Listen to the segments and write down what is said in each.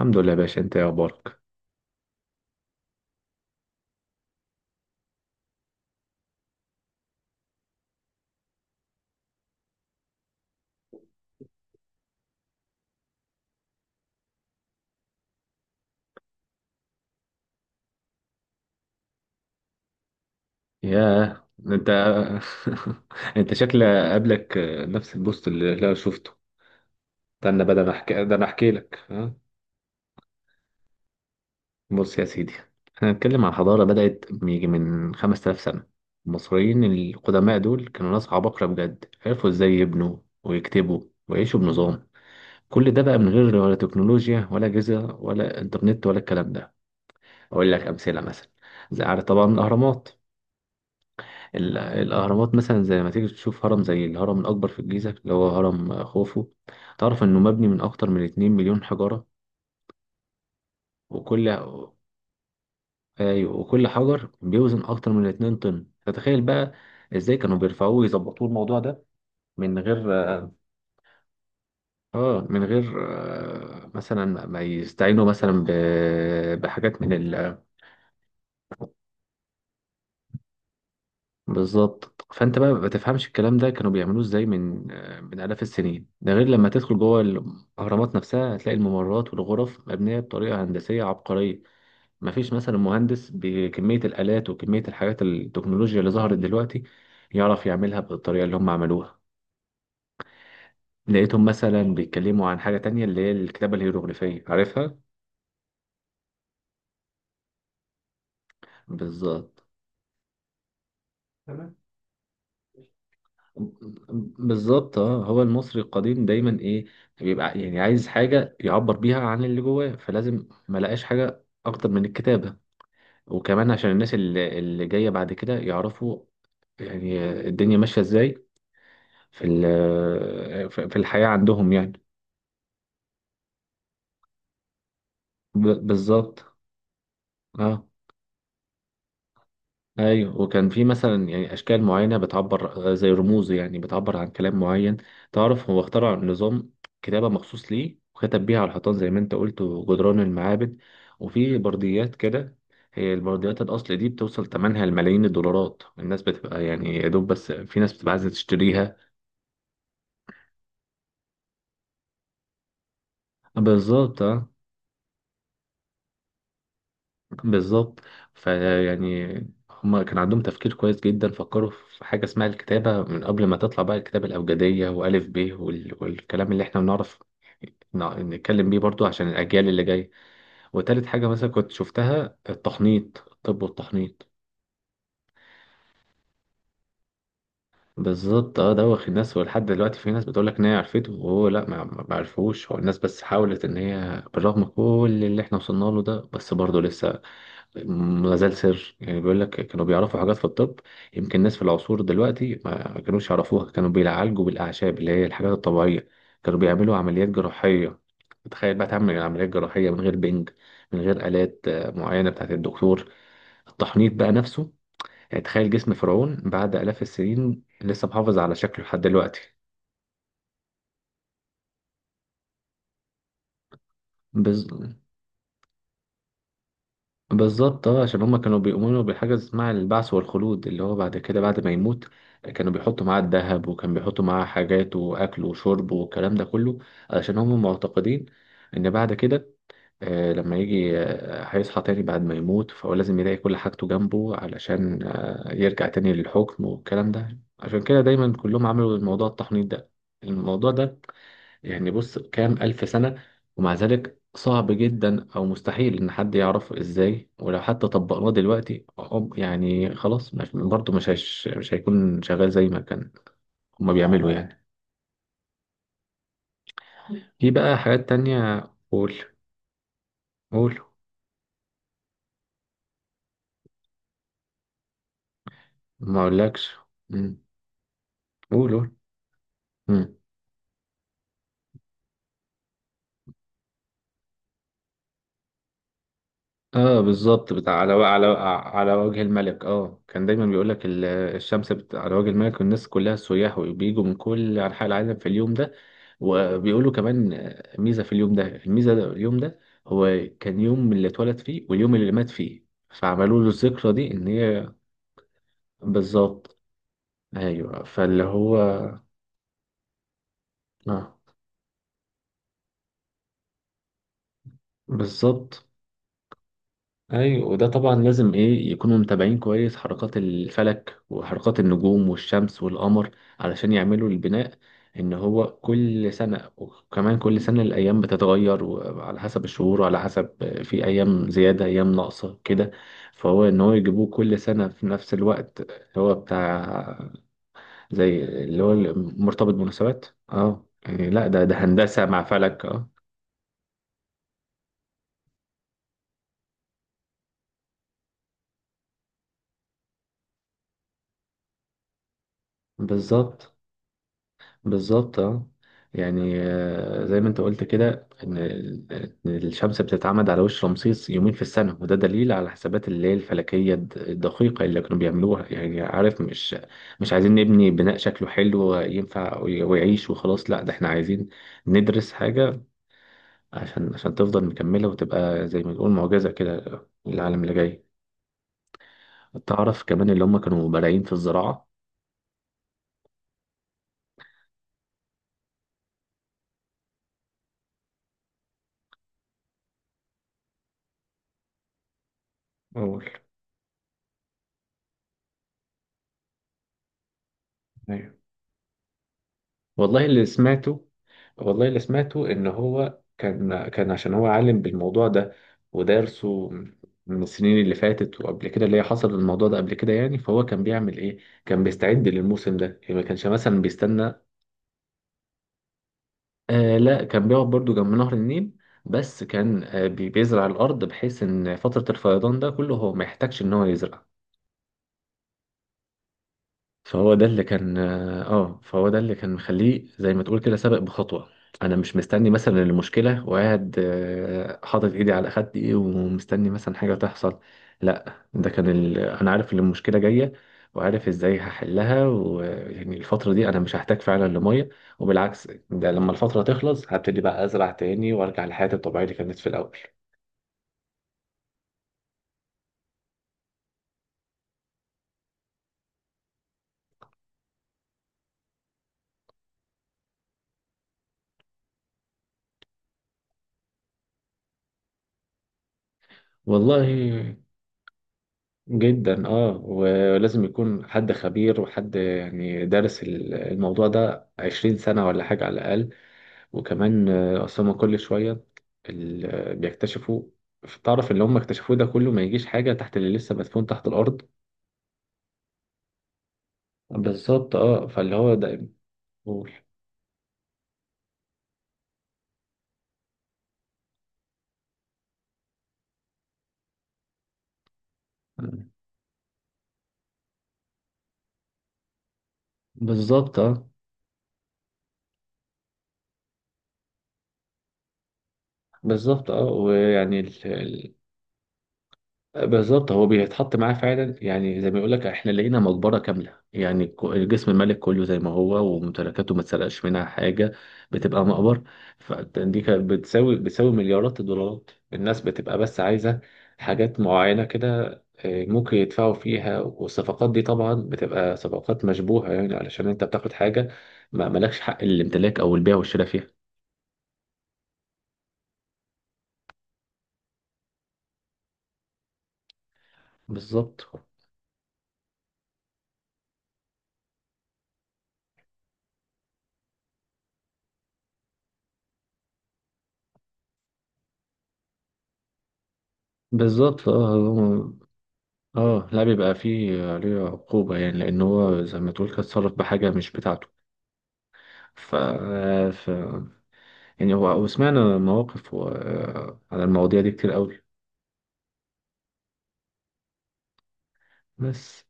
الحمد لله يا باشا، انت ايه اخبارك؟ ياه، انت. انت شكل قابلك نفس البوست اللي انا شفته. استنى بقى، ده انا احكي لك ها؟ بص يا سيدي، احنا هنتكلم عن حضاره بدات يجي من 5000 سنه. المصريين القدماء دول كانوا ناس عباقره بجد، عرفوا ازاي يبنوا ويكتبوا ويعيشوا بنظام. كل ده بقى من غير ولا تكنولوجيا ولا اجهزه ولا انترنت ولا الكلام ده. اقول لك امثله. مثلا زي، عارف طبعا، الاهرامات. الأهرامات مثلا، زي ما تيجي تشوف هرم زي الهرم الأكبر في الجيزة اللي هو هرم خوفو. تعرف إنه مبني من أكتر من 2 مليون حجرة. وكل... أيوة، وكل حجر بيوزن أكتر من 2 طن. فتخيل بقى إزاي كانوا بيرفعوه ويظبطوه الموضوع ده من غير... من غير مثلا ما يستعينوا مثلا بحاجات من ال... بالظبط. فانت بقى ما تفهمش الكلام ده كانوا بيعملوه ازاي من من آلاف السنين. ده غير لما تدخل جوه الاهرامات نفسها، هتلاقي الممرات والغرف مبنيه بطريقه هندسيه عبقريه. ما فيش مثلا مهندس بكميه الالات وكميه الحاجات التكنولوجيا اللي ظهرت دلوقتي يعرف يعملها بالطريقه اللي هم عملوها. لقيتهم مثلا بيتكلموا عن حاجه تانية اللي هي الكتابه الهيروغليفيه، عارفها. بالظبط. بالظبط، اه. هو المصري القديم دايما ايه؟ بيبقى يعني عايز حاجه يعبر بيها عن اللي جواه، فلازم ما لقاش حاجه اكتر من الكتابه. وكمان عشان الناس اللي جايه بعد كده يعرفوا يعني الدنيا ماشيه ازاي في ال- في في الحياه عندهم يعني. بالظبط، اه. ايوه، وكان في مثلا يعني اشكال معينه بتعبر، زي رموز، يعني بتعبر عن كلام معين. تعرف هو اخترع نظام كتابه مخصوص ليه، وكتب بيها على الحيطان زي ما انت قلت، وجدران المعابد، وفي برديات كده. هي البرديات الاصل دي بتوصل ثمنها لملايين الدولارات. الناس بتبقى يعني يا دوب، بس في ناس بتبقى عايزه تشتريها. بالظبط. بالظبط. فيعني هما كان عندهم تفكير كويس جدا، فكروا في حاجة اسمها الكتابة من قبل ما تطلع بقى الكتابة الأبجدية وألف ب والكلام اللي احنا بنعرف نتكلم بيه برضو، عشان الأجيال اللي جاية. وتالت حاجة مثلا كنت شفتها التحنيط، الطب والتحنيط. بالظبط، اه. دوخ الناس، ولحد دلوقتي في ناس بتقول لك ان هي عرفته، وهو لا، ما عرفوش. هو الناس بس حاولت، ان هي بالرغم كل اللي احنا وصلنا له ده، بس برضه لسه ما زال سر. يعني بيقول لك كانوا بيعرفوا حاجات في الطب يمكن الناس في العصور دلوقتي ما كانوش يعرفوها. كانوا بيعالجوا بالأعشاب اللي هي الحاجات الطبيعية. كانوا بيعملوا عمليات جراحية. تخيل بقى تعمل عمليات جراحية من غير بنج، من غير آلات معينة بتاعت الدكتور. التحنيط بقى نفسه، يعني تخيل جسم فرعون بعد آلاف السنين لسه محافظ على شكله لحد دلوقتي. بز... بالظبط، اه. عشان هما كانوا بيؤمنوا بحاجة اسمها البعث والخلود، اللي هو بعد كده، بعد ما يموت، كانوا بيحطوا معاه الذهب، وكان بيحطوا معاه حاجات وأكل وشرب والكلام ده كله، علشان هما معتقدين إن بعد كده، لما يجي، هيصحى تاني بعد ما يموت. فهو لازم يلاقي كل حاجته جنبه علشان يرجع تاني للحكم والكلام ده. عشان كده دايما كلهم عملوا الموضوع التحنيط ده، الموضوع ده. يعني بص، كام ألف سنة؟ ومع ذلك صعب جدا أو مستحيل إن حد يعرفه إزاي. ولو حتى طبقناه دلوقتي يعني خلاص برضه مش هيكون شغال زي ما كان هما بيعملوا يعني. في بقى حاجات تانية. قول، قول. ما أقولكش. مم. قول، قول. اه بالظبط، بتاع على و- على على وجه الملك. اه، كان دايما بيقول لك الشمس على وجه الملك، والناس كلها سياح وبيجوا من كل انحاء العالم في اليوم ده. وبيقولوا كمان، ميزة في اليوم ده. الميزة ده اليوم ده هو كان يوم اللي اتولد فيه واليوم اللي مات فيه. فعملوا له الذكرى دي، ان هي... بالظبط. ايوه فاللي هو اه. بالظبط. ايوه، وده طبعا لازم ايه يكونوا متابعين كويس حركات الفلك وحركات النجوم والشمس والقمر علشان يعملوا البناء. ان هو كل سنة، وكمان كل سنة الايام بتتغير وعلى حسب الشهور وعلى حسب... في ايام زيادة، ايام ناقصة كده. فهو ان هو يجيبوه كل سنة في نفس الوقت، هو بتاع زي اللي هو مرتبط بمناسبات. اه يعني، لا، ده هندسة مع فلك، اه. بالظبط، بالظبط، اه. يعني زي ما انت قلت كده، إن الشمس بتتعمد على وش رمسيس يومين في السنه، وده دليل على الحسابات اللي هي الفلكيه الدقيقه اللي كانوا بيعملوها. يعني عارف، مش مش عايزين نبني بناء شكله حلو ينفع ويعيش وخلاص. لا ده احنا عايزين ندرس حاجه عشان تفضل مكمله، وتبقى زي ما نقول معجزه كده للعالم اللي جاي. تعرف كمان اللي هم كانوا بارعين في الزراعه. أول... والله اللي سمعته والله اللي سمعته ان هو كان عشان هو عالم بالموضوع ده ودارسه من السنين اللي فاتت، وقبل كده اللي هي حصل الموضوع ده قبل كده يعني. فهو كان بيعمل ايه؟ كان بيستعد للموسم ده، يعني ما كانش مثلا بيستنى. آه، لا، كان بيقعد برضو جنب نهر النيل. بس كان بيزرع الارض، بحيث ان فترة الفيضان ده كله هو ما يحتاجش ان هو يزرع. فهو ده اللي كان مخليه زي ما تقول كده سابق بخطوة. انا مش مستني مثلا المشكلة، وقاعد حاطط ايدي على خدي ومستني مثلا حاجة تحصل. لا ده كان انا عارف ان المشكلة جاية، وعارف ازاي هحلها، ويعني الفترة دي انا مش هحتاج فعلا لمية. وبالعكس، ده لما الفترة تخلص هبتدي بقى ازرع تاني وارجع لحياتي الطبيعية اللي كانت في الاول. والله، جدا اه. ولازم يكون حد خبير، وحد يعني دارس الموضوع ده 20 سنة ولا حاجة على الأقل. وكمان أصل هما كل شوية اللي بيكتشفوا. تعرف اللي هم اكتشفوه ده كله ما يجيش حاجة تحت اللي لسه مدفون تحت الأرض. بالظبط، اه. فاللي هو ده. قول. بالظبط، اه. بالظبط، اه. ويعني بالظبط. هو بيتحط معاه فعلا، يعني زي ما يقول لك احنا لقينا مقبره كامله، يعني الجسم الملك كله زي ما هو، وممتلكاته ما اتسرقش منها حاجه. بتبقى مقبره. فدي كانت بتساوي مليارات الدولارات. الناس بتبقى بس عايزه حاجات معينه كده، ممكن يدفعوا فيها. والصفقات دي طبعا بتبقى صفقات مشبوهه، يعني علشان انت بتاخد حاجه ما مالكش حق الامتلاك او البيع والشراء فيها. بالظبط، بالظبط، اه. اه، لا، بيبقى فيه عليه عقوبة، يعني لأن هو زي ما تقول كده اتصرف بحاجة مش بتاعته. ف... ف... يعني هو، وسمعنا مواقف و... آه، على المواضيع دي كتير قوي، بس...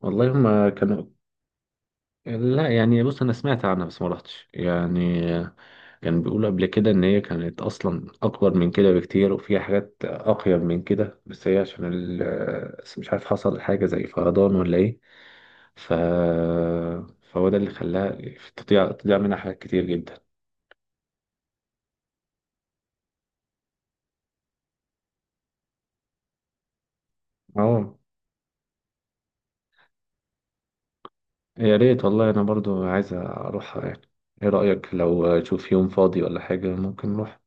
والله هما كانوا... لا، يعني بص، أنا سمعت عنها بس ما رحتش يعني. كان بيقولوا قبل كده إن هي كانت أصلا أكبر من كده بكتير وفيها حاجات أقيم من كده، بس هي عشان بس مش عارف حصل حاجة زي فيضان ولا إيه. ف... فهو ده اللي خلاها تضيع منها حاجات كتير جدا. اه، يا ريت والله. انا برضو عايز اروحها يعني. ايه رأيك لو اشوف يوم فاضي ولا حاجة ممكن نروح؟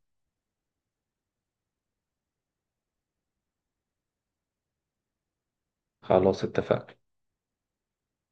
خلاص، اتفقنا.